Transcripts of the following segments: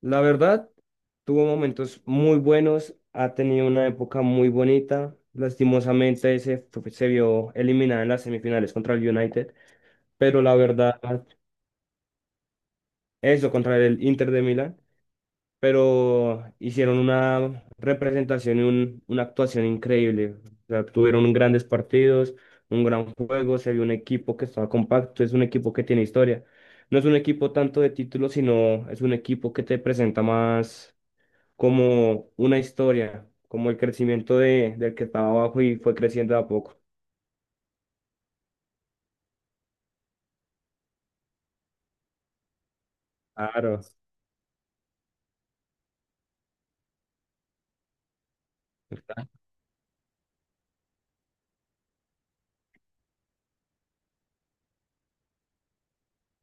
La verdad, tuvo momentos muy buenos, ha tenido una época muy bonita. Lastimosamente se vio eliminada en las semifinales contra el United, pero la verdad, eso contra el Inter de Milán, pero hicieron una representación y una actuación increíble. O sea, tuvieron grandes partidos, un gran juego, se vio un equipo que estaba compacto, es un equipo que tiene historia. No es un equipo tanto de títulos, sino es un equipo que te presenta más como una historia, como el crecimiento del que estaba abajo y fue creciendo de a poco. Claro.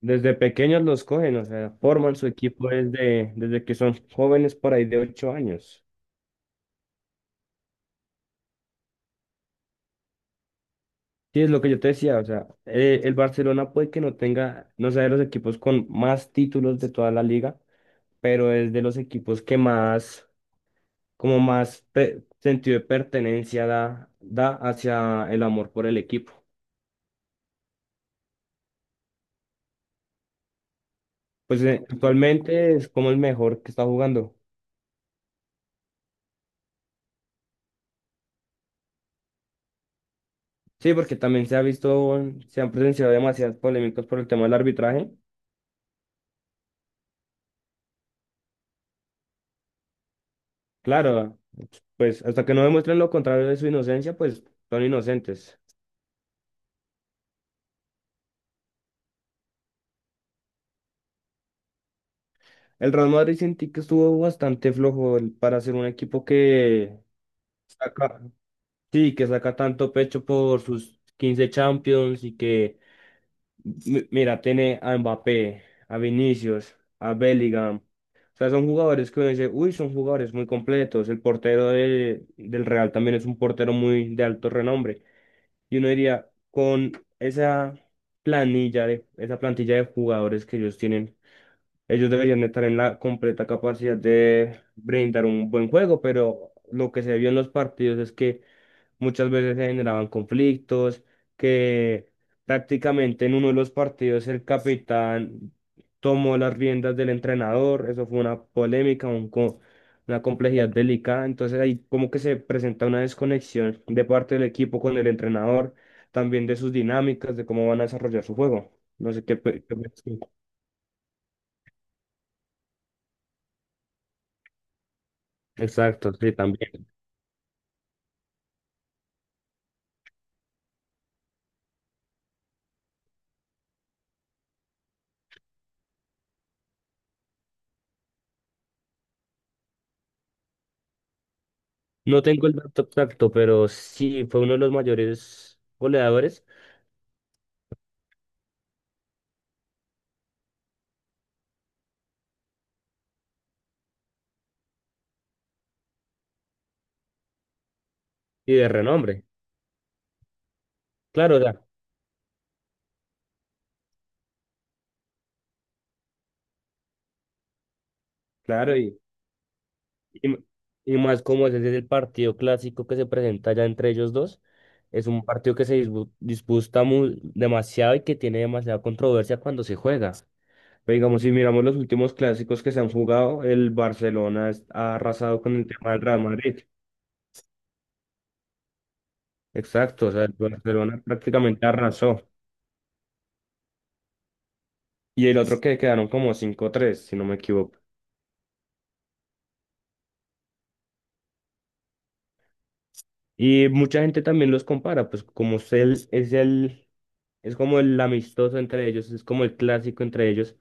Desde pequeños los cogen, o sea, forman su equipo desde que son jóvenes por ahí de 8 años. Sí, es lo que yo te decía, o sea, el Barcelona puede que no tenga, no sea de los equipos con más títulos de toda la liga, pero es de los equipos que más, como más sentido de pertenencia da, da hacia el amor por el equipo. Pues actualmente es como el mejor que está jugando. Sí, porque también se ha visto, se han presenciado demasiadas polémicas por el tema del arbitraje. Claro, pues hasta que no demuestren lo contrario de su inocencia, pues son inocentes. El Real Madrid sentí que estuvo bastante flojo para ser un equipo que saca, sí, que saca tanto pecho por sus 15 Champions y que mira, tiene a Mbappé, a Vinicius, a Bellingham. O sea, son jugadores que uno dice, uy, son jugadores muy completos. El portero del Real también es un portero muy de alto renombre. Y uno diría, con esa esa plantilla de jugadores que ellos tienen, ellos deberían estar en la completa capacidad de brindar un buen juego, pero lo que se vio en los partidos es que muchas veces se generaban conflictos, que prácticamente en uno de los partidos el capitán tomó las riendas del entrenador, eso fue una polémica, una complejidad delicada, entonces ahí como que se presenta una desconexión de parte del equipo con el entrenador, también de sus dinámicas, de cómo van a desarrollar su juego. No sé qué... qué piensas tú. Exacto, sí, también. No tengo el dato exacto, pero sí fue uno de los mayores goleadores y de renombre. Claro, claro, y, y más como ese es el partido clásico que se presenta ya entre ellos dos, es un partido que se disputa demasiado y que tiene demasiada controversia cuando se juega. Pero digamos, si miramos los últimos clásicos que se han jugado, el Barcelona ha arrasado con el tema del Real Madrid. Exacto, o sea, el Barcelona prácticamente arrasó. Y el otro que quedaron como cinco tres si no me equivoco. Y mucha gente también los compara, pues como es como el amistoso entre ellos, es como el clásico entre ellos.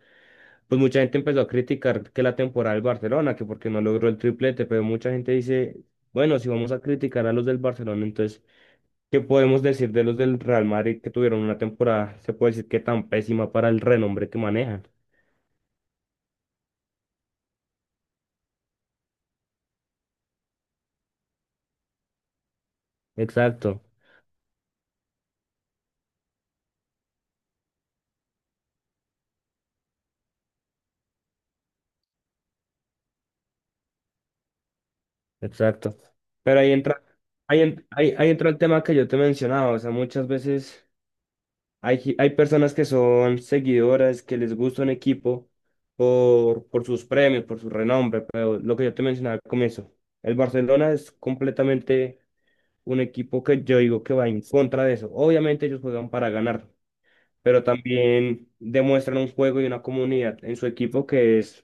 Pues mucha gente empezó a criticar que la temporada del Barcelona, que porque no logró el triplete, pero mucha gente dice, bueno, si vamos a criticar a los del Barcelona, entonces, ¿qué podemos decir de los del Real Madrid que tuvieron una temporada, se puede decir que tan pésima para el renombre que manejan? Exacto, exacto. Pero ahí entra, ahí entra el tema que yo te mencionaba, o sea, muchas veces... hay personas que son seguidoras, que les gusta un equipo por sus premios, por su renombre, pero lo que yo te mencionaba al comienzo, el Barcelona es completamente un equipo que yo digo que va en contra de eso. Obviamente ellos juegan para ganar, pero también demuestran un juego y una comunidad en su equipo que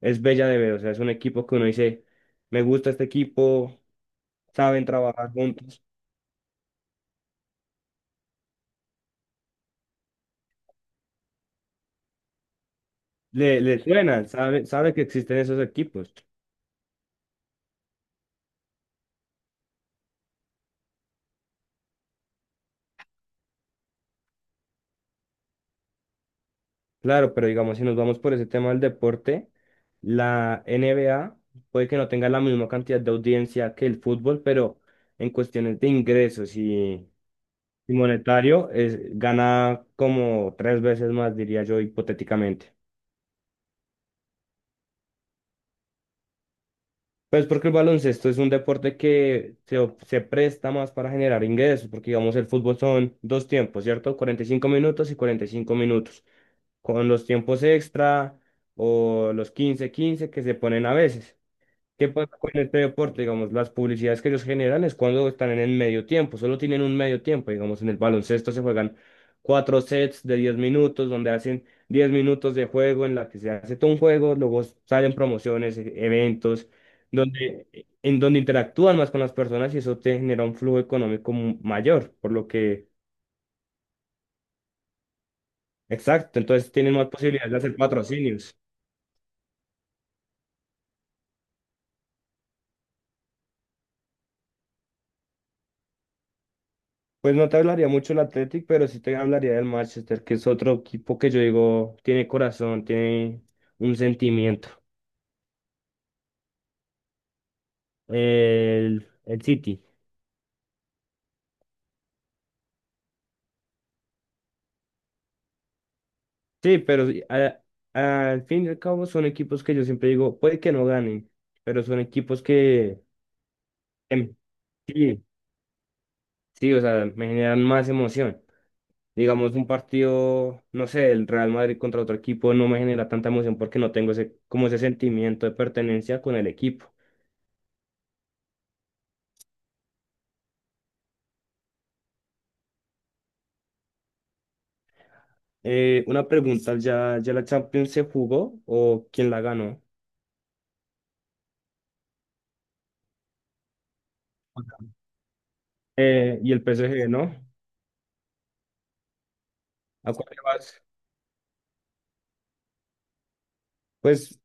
es bella de ver. O sea, es un equipo que uno dice, me gusta este equipo, saben trabajar juntos, le suena, sabe, sabe que existen esos equipos. Claro, pero digamos, si nos vamos por ese tema del deporte, la NBA puede que no tenga la misma cantidad de audiencia que el fútbol, pero en cuestiones de y monetario, es, gana como tres veces más, diría yo, hipotéticamente. Pues porque el baloncesto es un deporte que se presta más para generar ingresos, porque digamos, el fútbol son dos tiempos, ¿cierto? 45 minutos y 45 minutos, con los tiempos extra o los quince quince que se ponen a veces. ¿Qué pasa con este deporte? Digamos, las publicidades que ellos generan es cuando están en el medio tiempo, solo tienen un medio tiempo. Digamos, en el baloncesto se juegan 4 sets de 10 minutos, donde hacen 10 minutos de juego en la que se hace todo un juego, luego salen promociones, eventos, donde, en donde interactúan más con las personas y eso te genera un flujo económico mayor, por lo que, exacto, entonces tienen más posibilidades de hacer patrocinios. Pues no te hablaría mucho del Athletic, pero sí te hablaría del Manchester, que es otro equipo que yo digo tiene corazón, tiene un sentimiento. El City. Sí, pero sí, al fin y al cabo son equipos que yo siempre digo, puede que no ganen, pero son equipos que em, sí, sí, o sea, me generan más emoción. Digamos, un partido, no sé, el Real Madrid contra otro equipo no me genera tanta emoción porque no tengo ese, como ese sentimiento de pertenencia con el equipo. Una pregunta, ya la Champions se jugó o quién la ganó? Y el PSG, ¿no? ¿A cuál le vas? Pues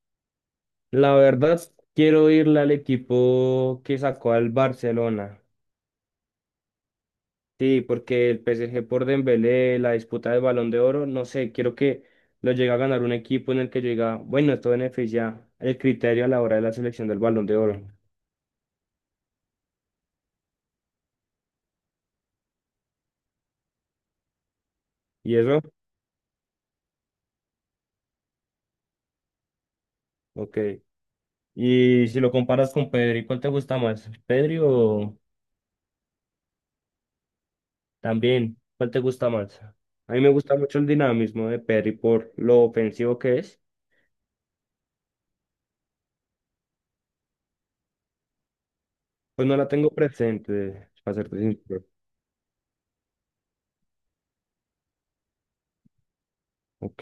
la verdad, quiero irle al equipo que sacó al Barcelona. Sí, porque el PSG por Dembélé, la disputa del Balón de Oro, no sé, quiero que lo llegue a ganar un equipo en el que yo diga, bueno, esto beneficia el criterio a la hora de la selección del Balón de Oro. ¿Y eso? Ok. Y si lo comparas con Pedri, ¿cuál te gusta más? ¿Pedri o, también, ¿cuál te gusta más? A mí me gusta mucho el dinamismo de Perry por lo ofensivo que es. Pues no la tengo presente, para ser sincero. Ok.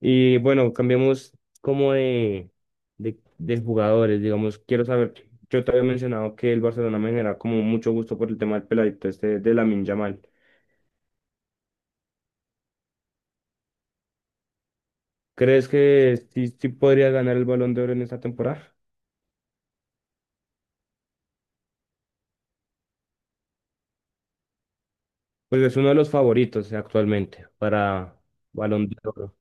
Y bueno, cambiamos como de jugadores, digamos. Quiero saber, yo te había mencionado que el Barcelona me genera como mucho gusto por el tema del peladito este de Lamine Yamal. ¿Crees que sí, sí podría ganar el Balón de Oro en esta temporada? Pues es uno de los favoritos actualmente para Balón de Oro.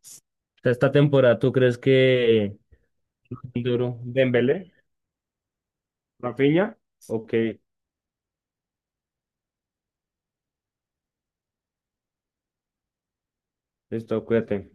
Esta esta temporada, ¿tú crees que duro Dembélé, Rafinha? Ok, listo, cuídate.